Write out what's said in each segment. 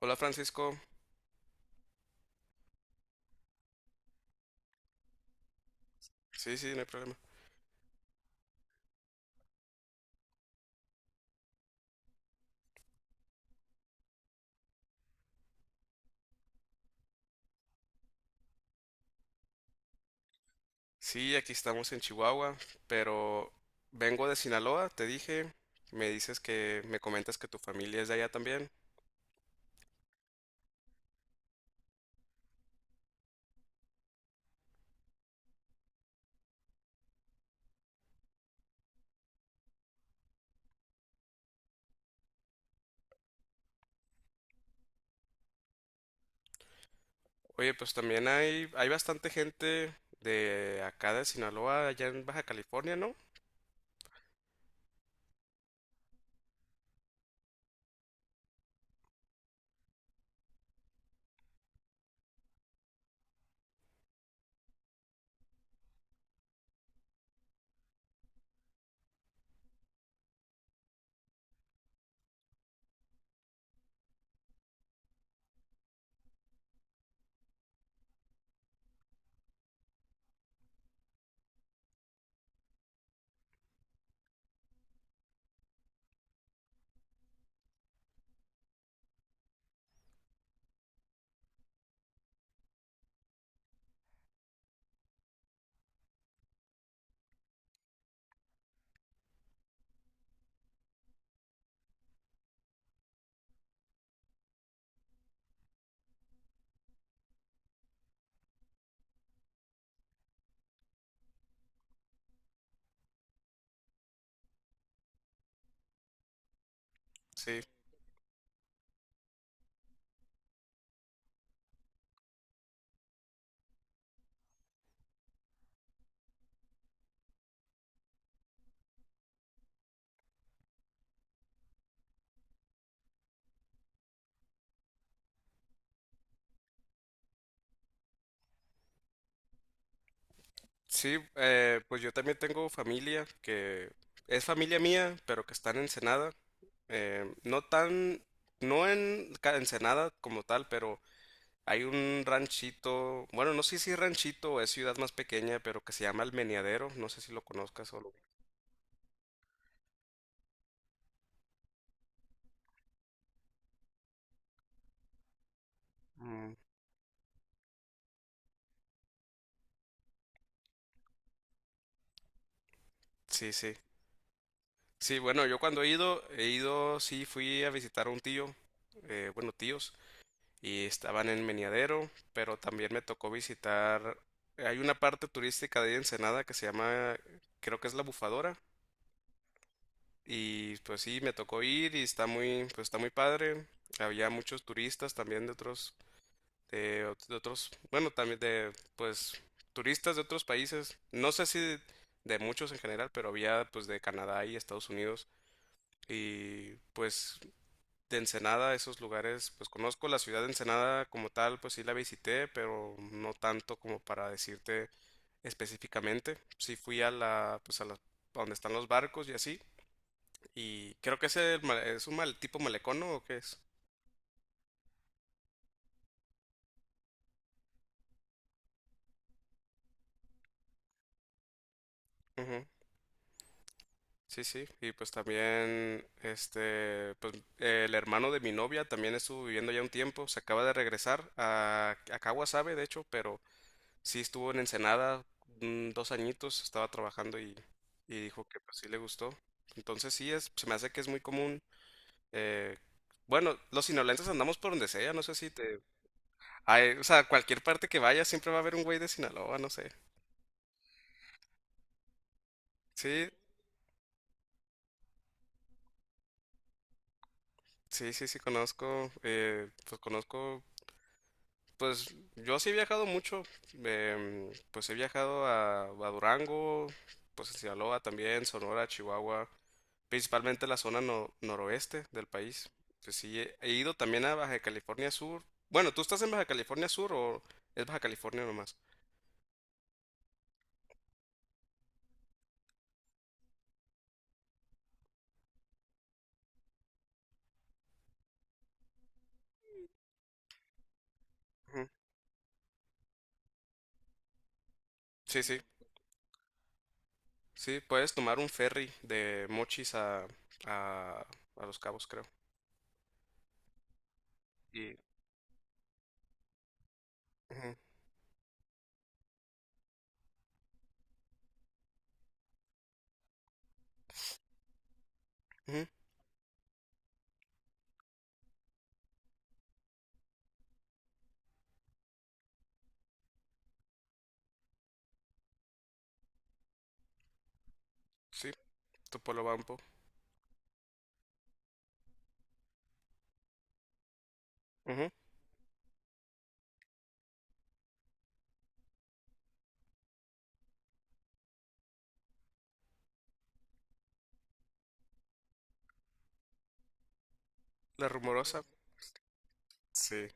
Hola Francisco. Sí, sí, no hay problema. Sí, aquí estamos en Chihuahua, pero vengo de Sinaloa, te dije. Me dices que me comentas que tu familia es de allá también. Oye, pues también hay bastante gente de acá de Sinaloa, allá en Baja California, ¿no? Sí. Sí, pues yo también tengo familia que es familia mía, pero que está en Ensenada. No tan, no en ca- Ensenada como tal, pero hay un ranchito. Bueno, no sé si es ranchito o es ciudad más pequeña, pero que se llama El Meneadero. No sé si lo conozcas. Mm, sí, sí. Sí, bueno, yo cuando he ido, sí, fui a visitar a un tío, bueno, tíos, y estaban en Meneadero, pero también me tocó visitar. Hay una parte turística de ahí Ensenada que se llama, creo que es La Bufadora, y pues sí, me tocó ir y está muy, pues está muy padre. Había muchos turistas también de otros, de otros, bueno, también de, pues, turistas de otros países. No sé si de, de muchos en general, pero había, pues, de Canadá y Estados Unidos, y, pues, de Ensenada, esos lugares. Pues conozco la ciudad de Ensenada como tal, pues sí la visité, pero no tanto como para decirte específicamente. Sí fui a la, pues, a donde están los barcos y así, y creo que es el, ma- es un mal, tipo malecón, ¿no? ¿O qué es? Ujú. Sí, sí, y pues también, este, pues el hermano de mi novia también estuvo viviendo ya un tiempo. Se acaba de regresar a, Kawasabe, de hecho, pero sí estuvo en Ensenada dos añitos. Estaba trabajando y dijo que pues sí le gustó. Entonces sí, se me hace que es muy común. eh, bueno, los sinaloenses andamos por donde sea. No sé si. Ay, o sea, cualquier parte que vayas siempre va a haber un güey de Sinaloa, no sé. Sí, sí, sí, sí, conozco. Pues yo sí he viajado mucho. Pues he viajado a Durango, pues a Sinaloa también, Sonora, Chihuahua, principalmente la zona noroeste del país. Pues sí, he ido también a Baja California Sur. Bueno, ¿tú estás en Baja California Sur o es Baja California nomás? Ujú. Sí, sí, sí, puedes tomar un ferry de Mochis a, a Los Cabos, creo. Y, Ujú, ujú, sí, Topolobampo. Ujú. La Rumorosa. Sí.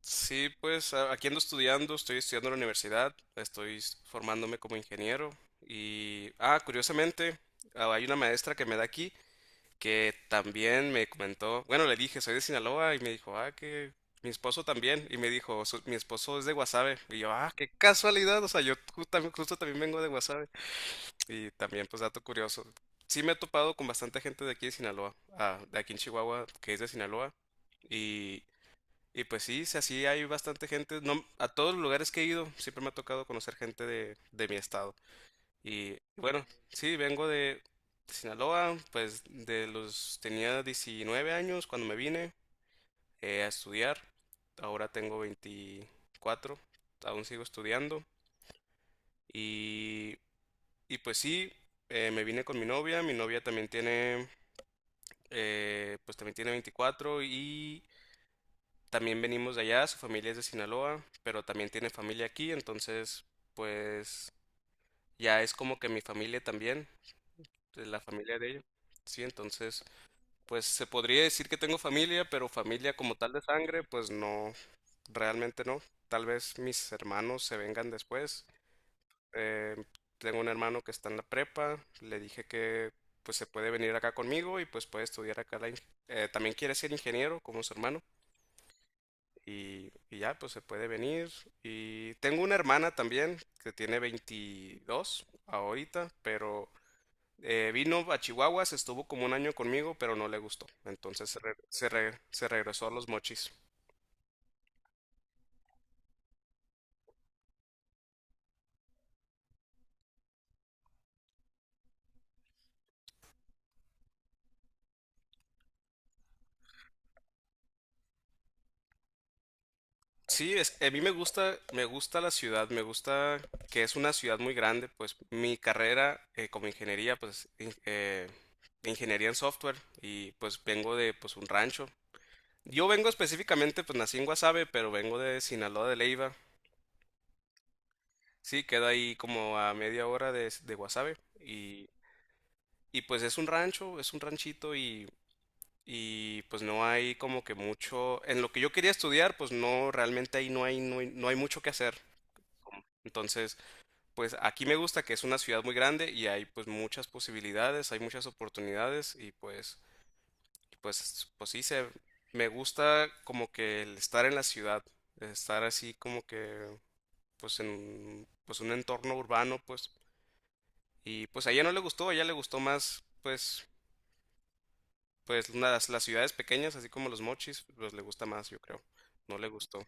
Sí, pues aquí ando estudiando, estoy estudiando en la universidad, estoy formándome como ingeniero y, curiosamente, hay una maestra que me da aquí, que también me comentó. Bueno, le dije, soy de Sinaloa, y me dijo, que mi esposo también. Y me dijo, mi esposo es de Guasave." Y yo, qué casualidad. O sea, yo justo también vengo de Guasave. Y también, pues, dato curioso. Sí me he topado con bastante gente de aquí de Sinaloa, de aquí en Chihuahua, que es de Sinaloa. Y y pues sí, sí, así hay bastante gente. No, a todos los lugares que he ido, siempre me ha tocado conocer gente de mi estado. Y bueno, sí, vengo de Sinaloa, pues de los tenía 19 años cuando me vine a estudiar. Ahora tengo 24, aún sigo estudiando. Y, y pues sí, me vine con mi novia. Mi novia también tiene 24. También venimos de allá, su familia es de Sinaloa, pero también tiene familia aquí, entonces pues ya es como que mi familia también, de la familia de ella. Sí, entonces pues se podría decir que tengo familia, pero familia como tal de sangre, pues no, realmente no. Tal vez mis hermanos se vengan después. Eh, Tengo un hermano que está en la prepa. Le dije que pues se puede venir acá conmigo y pues puede estudiar acá. También quiere ser ingeniero como su hermano. Y ya, pues se puede venir. Y tengo una hermana también, que tiene 22 ahorita, pero vino a Chihuahua, se estuvo como un año conmigo, pero no le gustó. Entonces se regresó a los Mochis. Sí, a mí me gusta la ciudad. Me gusta que es una ciudad muy grande. Pues mi carrera, como ingeniería, pues ingeniería en software. Y pues vengo de pues un rancho. Yo vengo específicamente, pues nací en Guasave, pero vengo de Sinaloa de Leiva. Sí, queda ahí como a media hora de Guasave. Y pues es un rancho, es un ranchito y pues no hay como que mucho. En lo que yo quería estudiar, pues no, realmente ahí no hay, no hay mucho que hacer. Entonces, pues aquí me gusta que es una ciudad muy grande y hay pues muchas posibilidades, hay muchas oportunidades. Y pues, y, pues, me gusta como que el estar en la ciudad, estar así como que pues en pues un entorno urbano, pues. Y pues a ella no le gustó, a ella le gustó más, pues, pues las ciudades pequeñas, así como los Mochis, pues le gusta más, yo creo. No le gustó.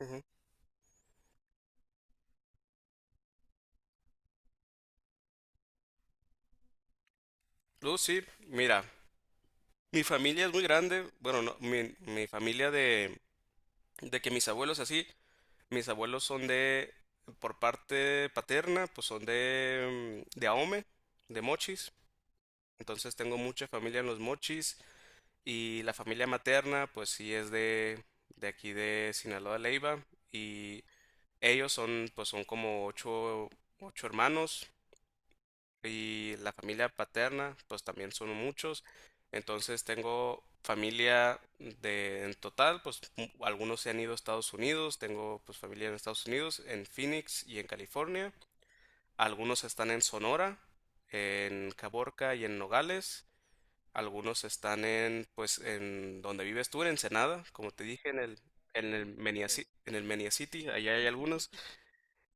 Ujú. Sí, mira, mi familia es muy grande. Bueno, no, mi familia de que mis abuelos así, mis abuelos son de, por parte paterna, pues son de, de Ahome, de Mochis. Entonces tengo mucha familia en los Mochis, y la familia materna, pues sí es de aquí de Sinaloa, Leiva. Y ellos son como ocho hermanos, y la familia paterna, pues también son muchos. Entonces tengo familia de en total, pues algunos se han ido a Estados Unidos. Tengo pues familia en Estados Unidos, en Phoenix y en California. Algunos están en Sonora, en Caborca y en Nogales. Algunos están en pues en donde vives tú, en Ensenada, como te dije, en el en el Menia City. Allá hay algunos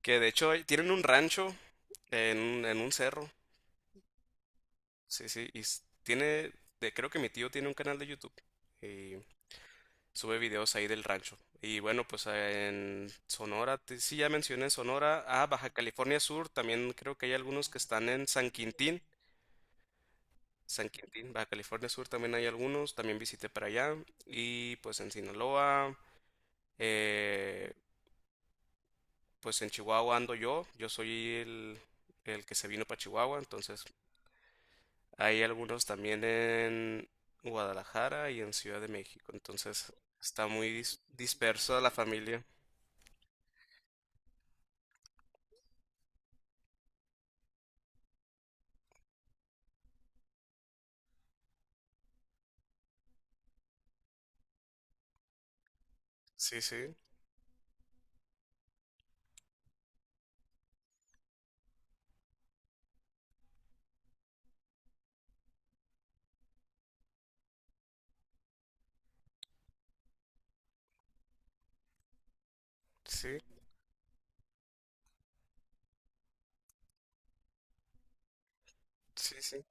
que de hecho tienen un rancho en un cerro. Sí, sí, y tiene, de, creo que mi tío tiene un canal de YouTube y sube videos ahí del rancho. Y bueno, pues en Sonora, sí, ya mencioné Sonora. Baja California Sur, también creo que hay algunos que están en San Quintín. San Quintín, Baja California Sur, también hay algunos, también visité para allá. Y pues en Sinaloa, eh, pues en Chihuahua ando Yo, soy el que se vino para Chihuahua. Entonces hay algunos también en Guadalajara y en Ciudad de México. Entonces está muy disperso la familia. Sí, sí, sí, sí, sí.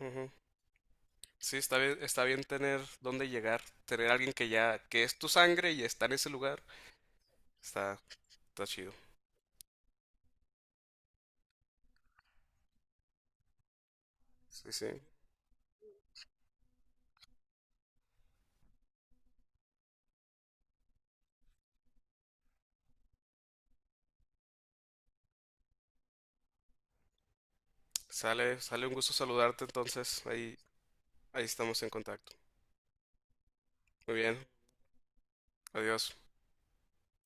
Ujú. Sí, está bien tener dónde llegar, tener alguien que ya, que es tu sangre y está en ese lugar. Está, está chido. Sí, sí. Sale, sale un gusto saludarte entonces. Ahí estamos en contacto. Muy bien. Adiós.